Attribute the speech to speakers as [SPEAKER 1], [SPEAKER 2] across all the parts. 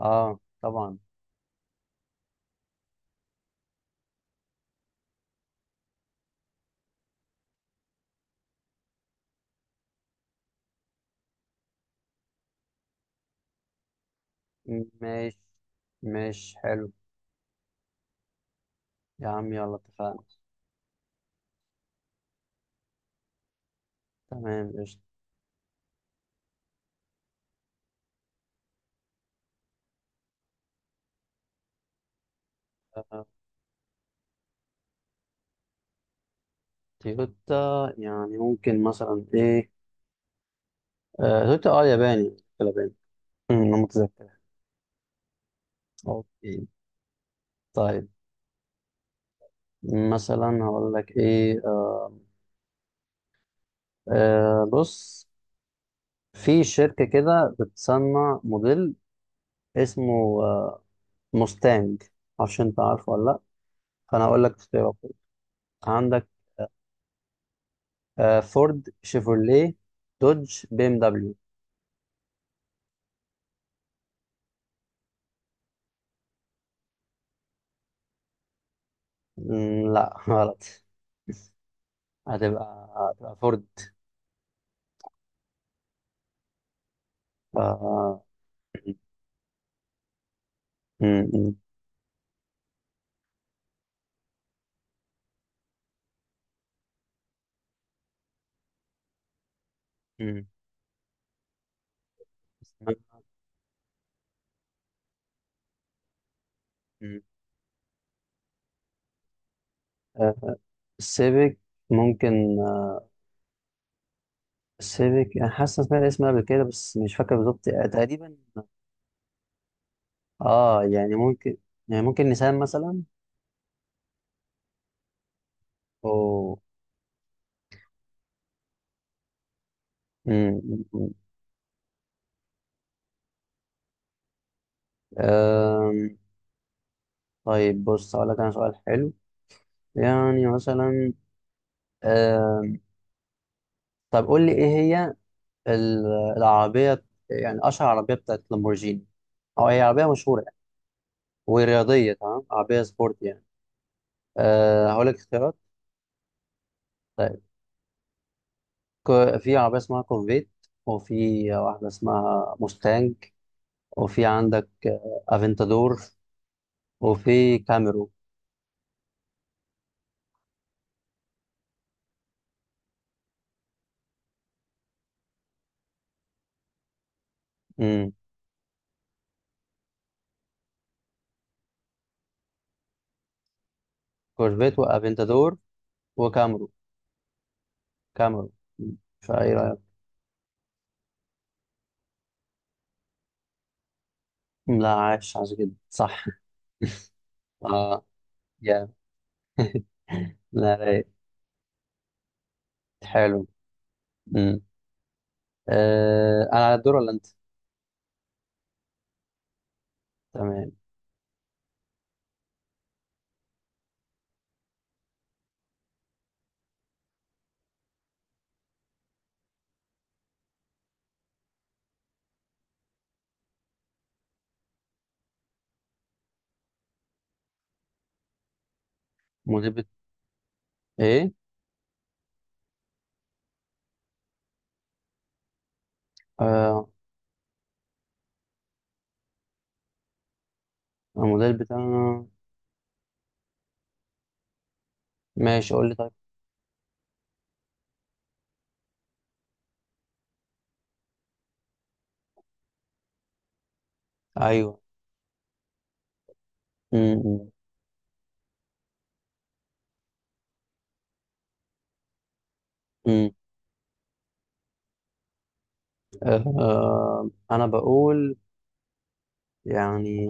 [SPEAKER 1] اه طبعا. مش مش حلو. يا عم يلا اتفقنا. تمام قشطة. آه، تويوتا يعني ممكن مثلا ايه. تويوتا ياباني ياباني. انا متذكر. اوكي. طيب مثلا هقول لك ايه. بص، في شركة كده بتصنع موديل اسمه مستانج. معرفش انت عارفه ولا لا، فانا هقول لك اختيارات. عندك فورد، شيفروليه، دوج، بي ام دبليو. لا غلط. هتبقى فورد. آه، مم، مم، مم. مم. آه، السيفيك ممكن. السيفيك انا حاسس إن سمعت الاسم قبل كده بس مش فاكر بالظبط، تقريبا. اه يعني ممكن، يعني ممكن نيسان مثلا. او. مم. آم، طيب بص هقول لك انا سؤال حلو يعني مثلا. آم، طب قول لي ايه هي ال- العربية يعني أشهر عربية بتاعت لامبورجيني، أو هي عربية مشهورة يعني ورياضية. تمام، عربية سبورت يعني. أه هقول لك اختيارات. طيب في عربية اسمها كورفيت، وفي واحدة اسمها موستانج، وفي عندك افنتادور، وفي كاميرو. امم، كورفيت وافنتادور وكاميرو. كاميرو. مم. فايه رأيك؟ لا، عايش عايش جدا، صح. اه يا لا، رايق. حلو. امم. انا على الدور ولا انت؟ تمام. مدير بت... ايه. آه المدير بتاعنا. ماشي قول لي طيب. ايوه. امم. امم. انا بقول يعني،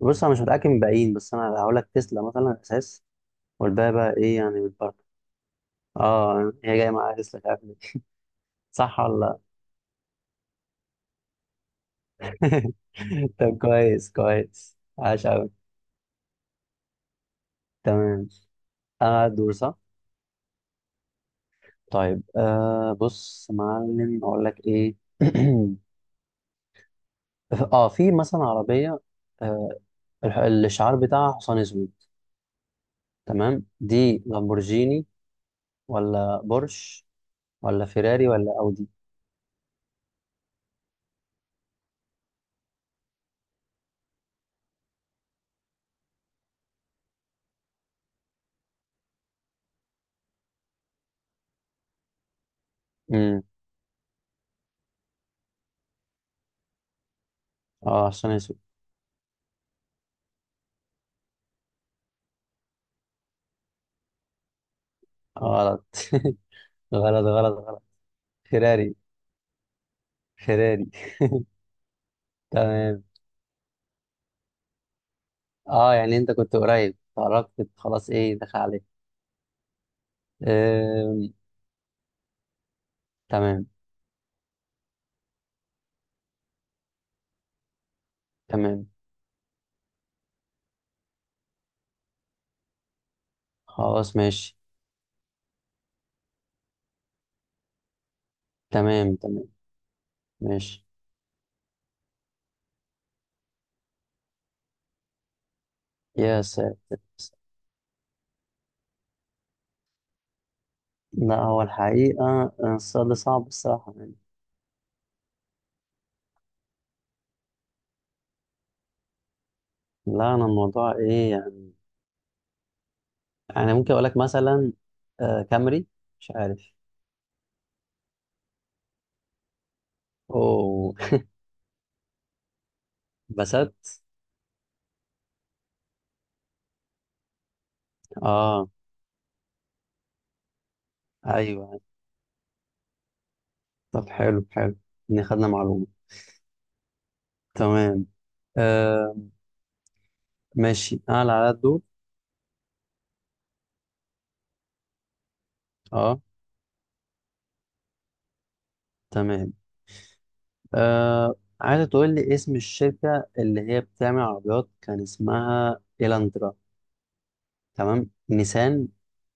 [SPEAKER 1] بص انا مش متاكد من الباقيين، بس انا هقول لك تسلا مثلا اساس، والباقي بقى ايه يعني بالبركه. اه هي جايه معايا تسلا، مش عارف ليه. صح ولا لا؟ طب كويس كويس، عاش قوي. تمام. انا الدور صح؟ طيب بص يا معلم، اقول لك ايه. اه، في مثلا عربيه، آه، الشعار بتاعها حصان اسود. تمام، دي لامبورجيني ولا بورش ولا فيراري ولا اودي؟ امم. اه، حصان اسود. غلط. غلط غلط غلط. فيراري. فيراري. تمام. اه يعني انت كنت قريب، قربت خلاص، ايه دخل عليك. آم، تمام تمام. خلاص ماشي. تمام تمام. ماشي. يا ساتر. لا، هو الحقيقة السؤال ده صعب الصراحة يعني. لا، أنا الموضوع إيه يعني؟ انا ممكن اقول لك مثلا كامري. مش عارف. اوه. بسات. اه. ايوه، طب حلو حلو، ان خدنا معلومه. تمام. آه ماشي، انا اللي على الدور. اه. تمام. آه عايزه تقول لي اسم الشركه اللي هي بتعمل عربيات كان اسمها إيلاندرا. تمام، نيسان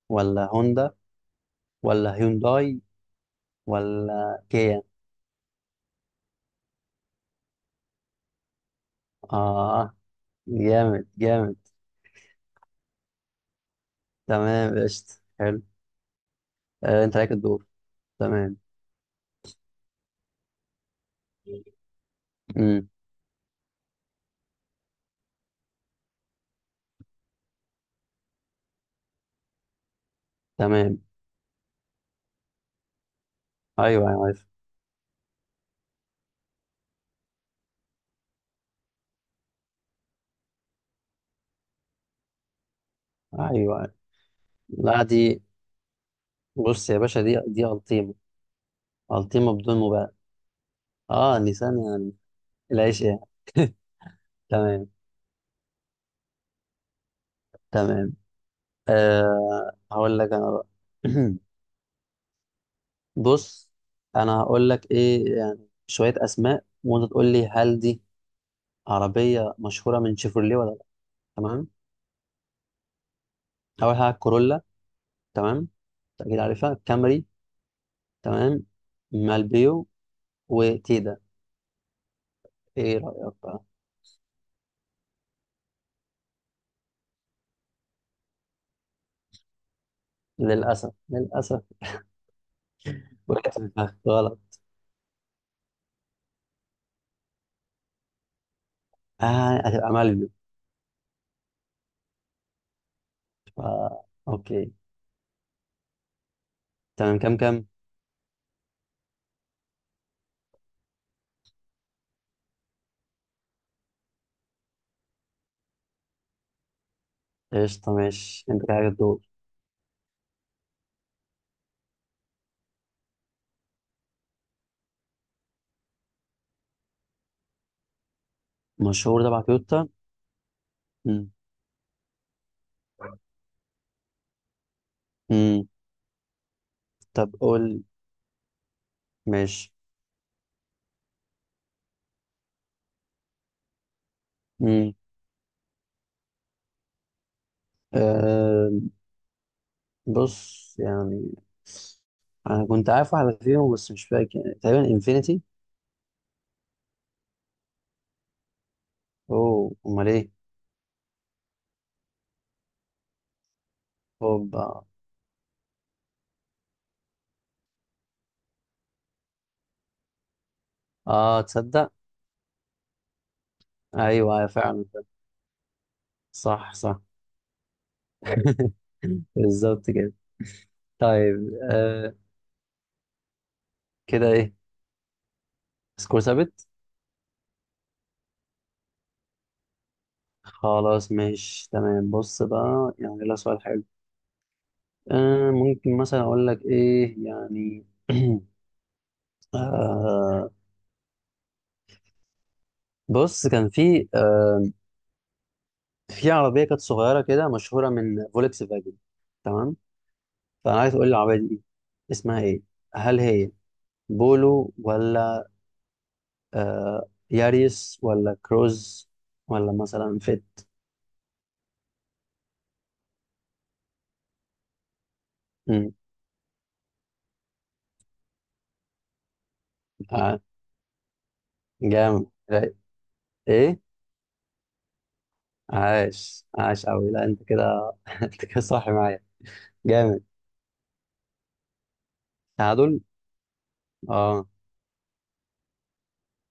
[SPEAKER 1] ولا هوندا ولا هيونداي ولا كيا؟ اه، جامد جامد. تمام قشطة. حلو. آه، انت عليك الدور. تمام. امم. تمام. ايوه ايوه عارف. ايوه عارف. لا دي، بص يا باشا، دي الطيمه. الطيمه بدون مبالغه. اه لسان يعني، العيش يعني. تمام. تمام. هقول لك انا بقى. بص، انا هقول لك ايه يعني، شويه اسماء وانت تقول لي هل دي عربيه مشهوره من شيفروليه ولا لا. تمام. اول حاجه كورولا. تمام. اكيد عارفها كامري. تمام. مالبيو وتيدا. ايه رايك بقى؟ للاسف للاسف. وقعت في الفخ، غلط. هتبقى مالبيو. فا. أوكي. تمام. كام كام؟ قشطة ماشي. أنت كده حاجة تدور. مشهور تبع تويوتا؟ مم. مم. طب قول. ماشي. مم. آه بص يعني، أنا كنت عارف واحدة فيهم بس مش فاكر، يعني تقريبا إنفينيتي. أوه. أمال إيه؟ هوبا. آه تصدق. أيوه أيوة، فعلا. صح صح. بالظبط كده. طيب. آه كده إيه؟ سكور ثابت. خلاص ماشي تمام. بص بقى يعني ده سؤال حلو. ممكن مثلا اقول لك ايه يعني. آه بص، كان في في عربيه كانت صغيره كده، مشهوره من فولكس فاجن. تمام، فانا عايز اقول العربيه دي اسمها ايه. هل هي بولو، ولا ياريس، ولا كروز، ولا مثلا فيت؟ مم، آه جامد رايق. ايه، عاش عاش قوي. لا انت كده انت كده صح معايا. جامد. تعادل. اه.